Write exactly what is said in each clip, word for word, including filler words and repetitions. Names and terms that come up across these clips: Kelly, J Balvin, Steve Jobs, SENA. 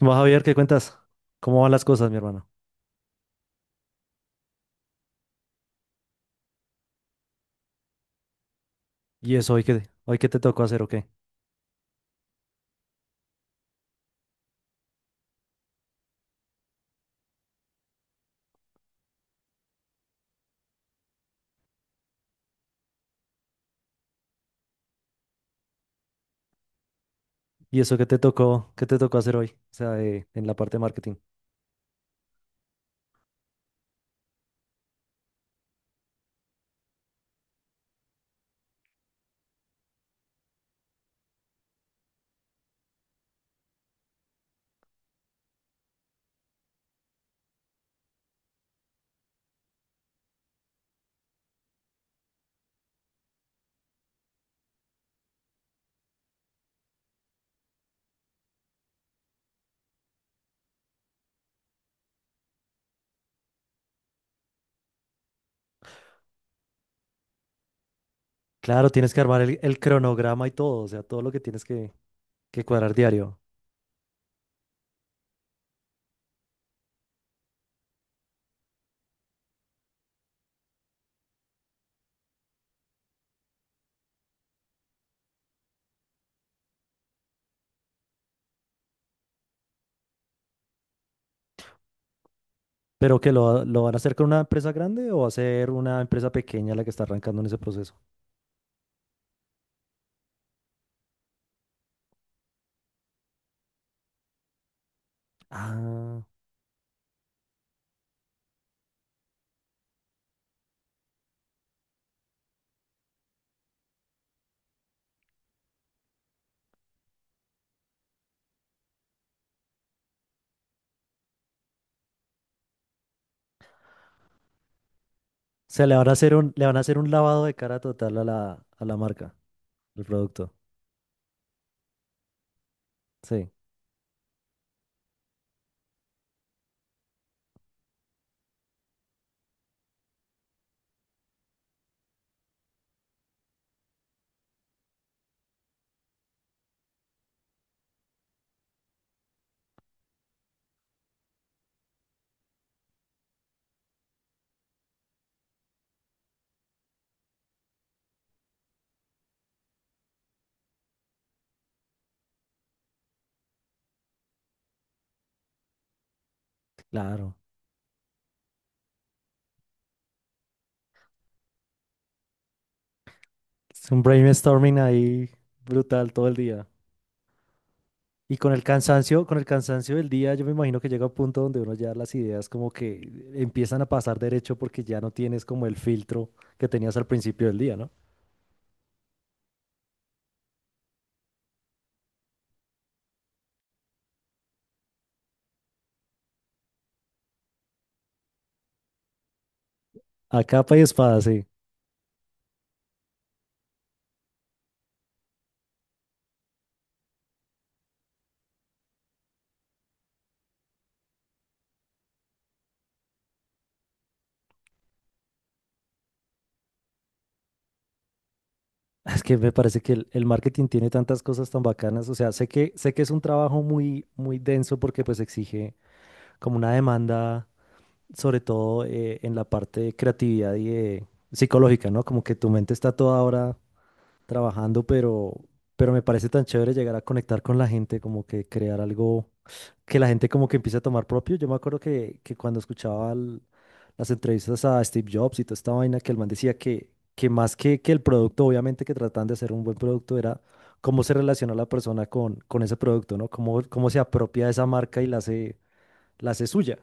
Vas a ver qué cuentas, cómo van las cosas, mi hermano. Y eso hoy qué, hoy qué te tocó hacer o qué. Y eso qué te tocó, qué te tocó hacer hoy, o sea, de- en la parte de marketing. Claro, tienes que armar el, el cronograma y todo, o sea, todo lo que tienes que, que cuadrar diario. Pero que lo, lo van a hacer con una empresa grande o va a ser una empresa pequeña la que está arrancando en ese proceso. Ah, o sea, le van a hacer un, le van a hacer un lavado de cara total a la, a la marca, al producto. Sí, claro. Es un brainstorming ahí brutal todo el día. Y con el cansancio, con el cansancio del día, yo me imagino que llega un punto donde uno ya las ideas como que empiezan a pasar derecho porque ya no tienes como el filtro que tenías al principio del día, ¿no? A capa y espada, sí. Es que me parece que el, el marketing tiene tantas cosas tan bacanas. O sea, sé que, sé que es un trabajo muy, muy denso porque pues exige como una demanda, sobre todo eh, en la parte de creatividad y de psicológica, ¿no? Como que tu mente está toda ahora trabajando, pero, pero me parece tan chévere llegar a conectar con la gente, como que crear algo que la gente como que empiece a tomar propio. Yo me acuerdo que, que cuando escuchaba el- las entrevistas a Steve Jobs y toda esta vaina, que el man decía que, que más que, que el producto, obviamente que trataban de hacer un buen producto, era cómo se relaciona la persona con, con ese producto, ¿no? Cómo, cómo se apropia de esa marca y la hace, la hace suya.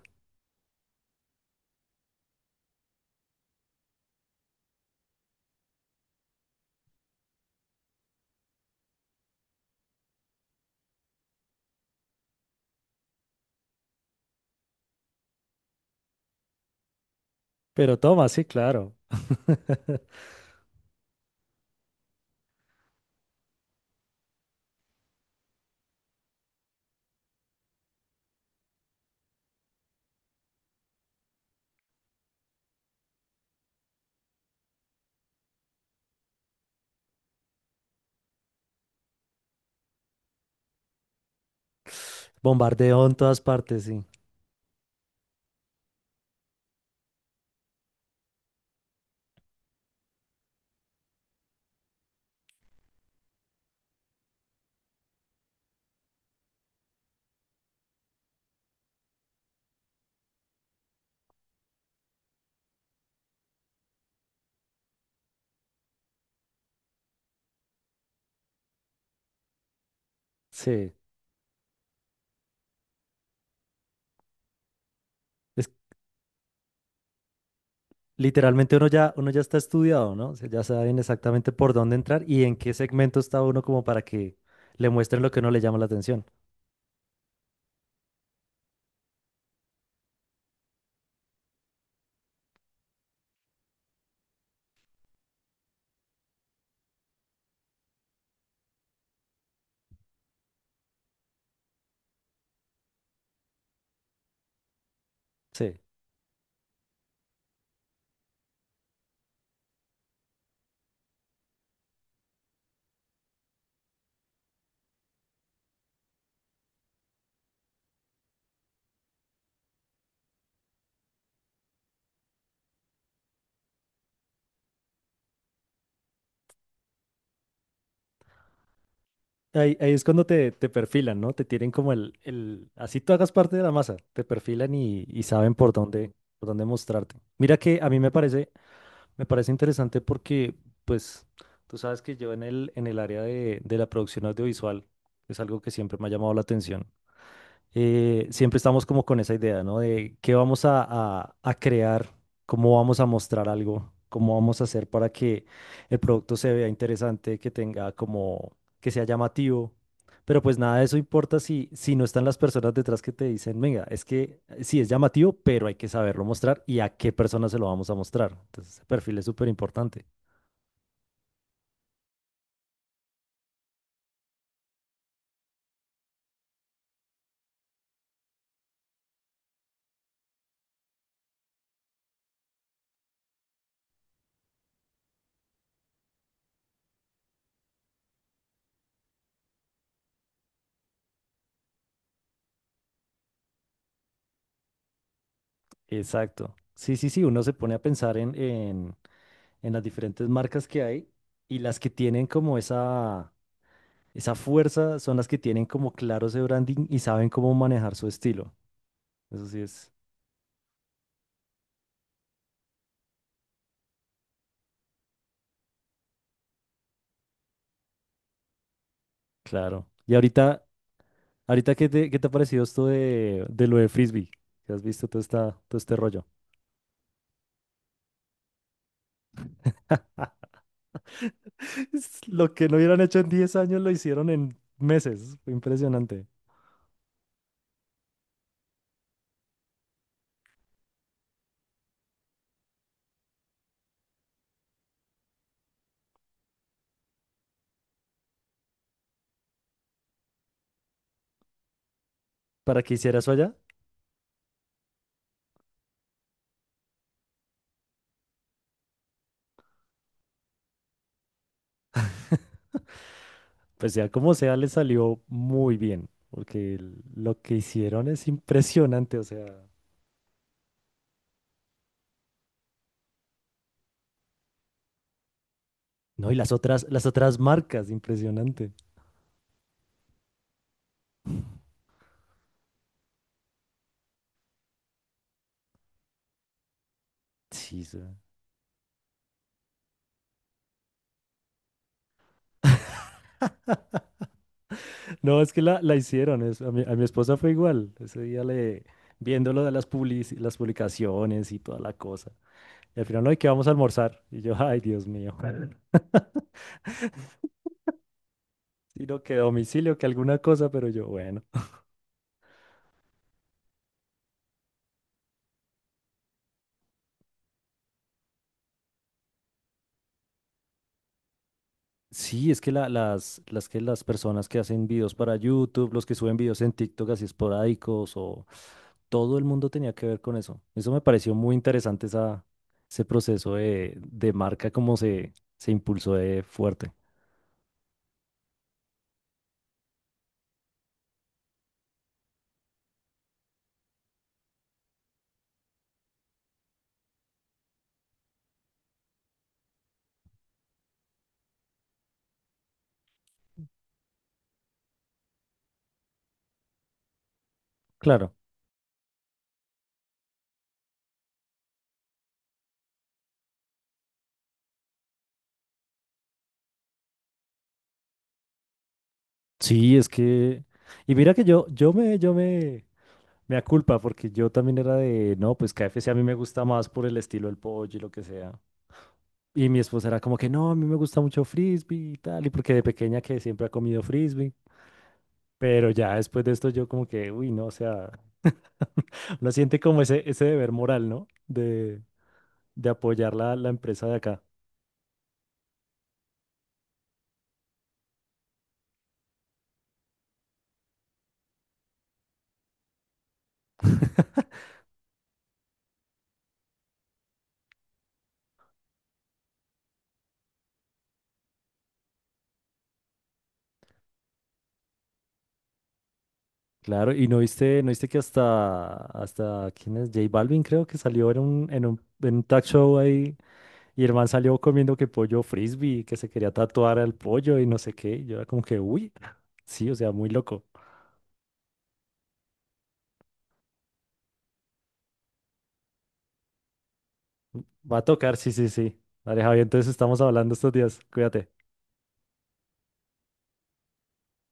Pero toma, sí, claro. Bombardeo en todas partes, sí. Sí. Literalmente uno ya, uno ya está estudiado, ¿no? O sea, ya saben exactamente por dónde entrar y en qué segmento está uno como para que le muestren lo que no le llama la atención. Sí. Ahí, ahí es cuando te, te perfilan, ¿no? Te tienen como el, el... Así tú hagas parte de la masa, te perfilan y, y saben por dónde, por dónde mostrarte. Mira que a mí me parece, me parece interesante porque, pues, tú sabes que yo en el, en el área de, de la producción audiovisual es algo que siempre me ha llamado la atención. Eh, siempre estamos como con esa idea, ¿no? De qué vamos a, a- a crear, cómo vamos a mostrar algo, cómo vamos a hacer para que el producto se vea interesante, que tenga como, que sea llamativo. Pero pues nada de eso importa si, si no están las personas detrás que te dicen, venga, es que eh, sí es llamativo, pero hay que saberlo mostrar y a qué personas se lo vamos a mostrar. Entonces, ese perfil es súper importante. Exacto. Sí, sí, sí, uno se pone a pensar en, en, en las diferentes marcas que hay y las que tienen como esa, esa fuerza son las que tienen como claro ese branding y saben cómo manejar su estilo. Eso sí es claro. Y ahorita, ahorita ¿qué te, qué te ha parecido esto de, de lo de Frisbee? ¿Que has visto todo, esta, todo este rollo? Es lo que no hubieran hecho en diez años lo hicieron en meses. Fue impresionante. ¿Para qué hiciera eso? Pues sea como sea, le salió muy bien, porque el- lo que hicieron es impresionante, o sea, no, y las otras, las otras marcas, impresionante. Sí, sí. No, es que la, la hicieron, es- a mi, a mi esposa fue igual, ese día le, viendo lo de las publici- las publicaciones y toda la cosa, y al final, no, ¿y qué vamos a almorzar? Y yo, ay, Dios mío, sino que domicilio, que alguna cosa, pero yo, bueno. Sí, es que la- las, las que las personas que hacen videos para YouTube, los que suben videos en TikTok así esporádicos, o todo el mundo tenía que ver con eso. Eso me pareció muy interesante esa, ese proceso de, de marca, como se, se impulsó de fuerte. Claro. Sí, es que. Y mira que yo, yo me, yo me, me aculpa, porque yo también era de, no, pues K F C a mí me gusta más por el estilo del pollo y lo que sea. Y mi esposa era como que no, a mí me gusta mucho frisbee y tal, y porque de pequeña que siempre ha comido frisbee. Pero ya después de esto yo como que, uy, no, o sea, uno siente como ese, ese deber moral, ¿no? De, de apoyar la, la empresa de acá. Claro, y no viste, no viste que hasta, hasta, ¿quién es? J Balvin creo que salió en un, en un, en un talk show ahí y el man salió comiendo que pollo frisbee, que se quería tatuar al pollo y no sé qué. Y yo era como que, uy, sí, o sea, muy loco. Va a tocar, sí, sí, sí. Vale, Javier, entonces estamos hablando estos días. Cuídate.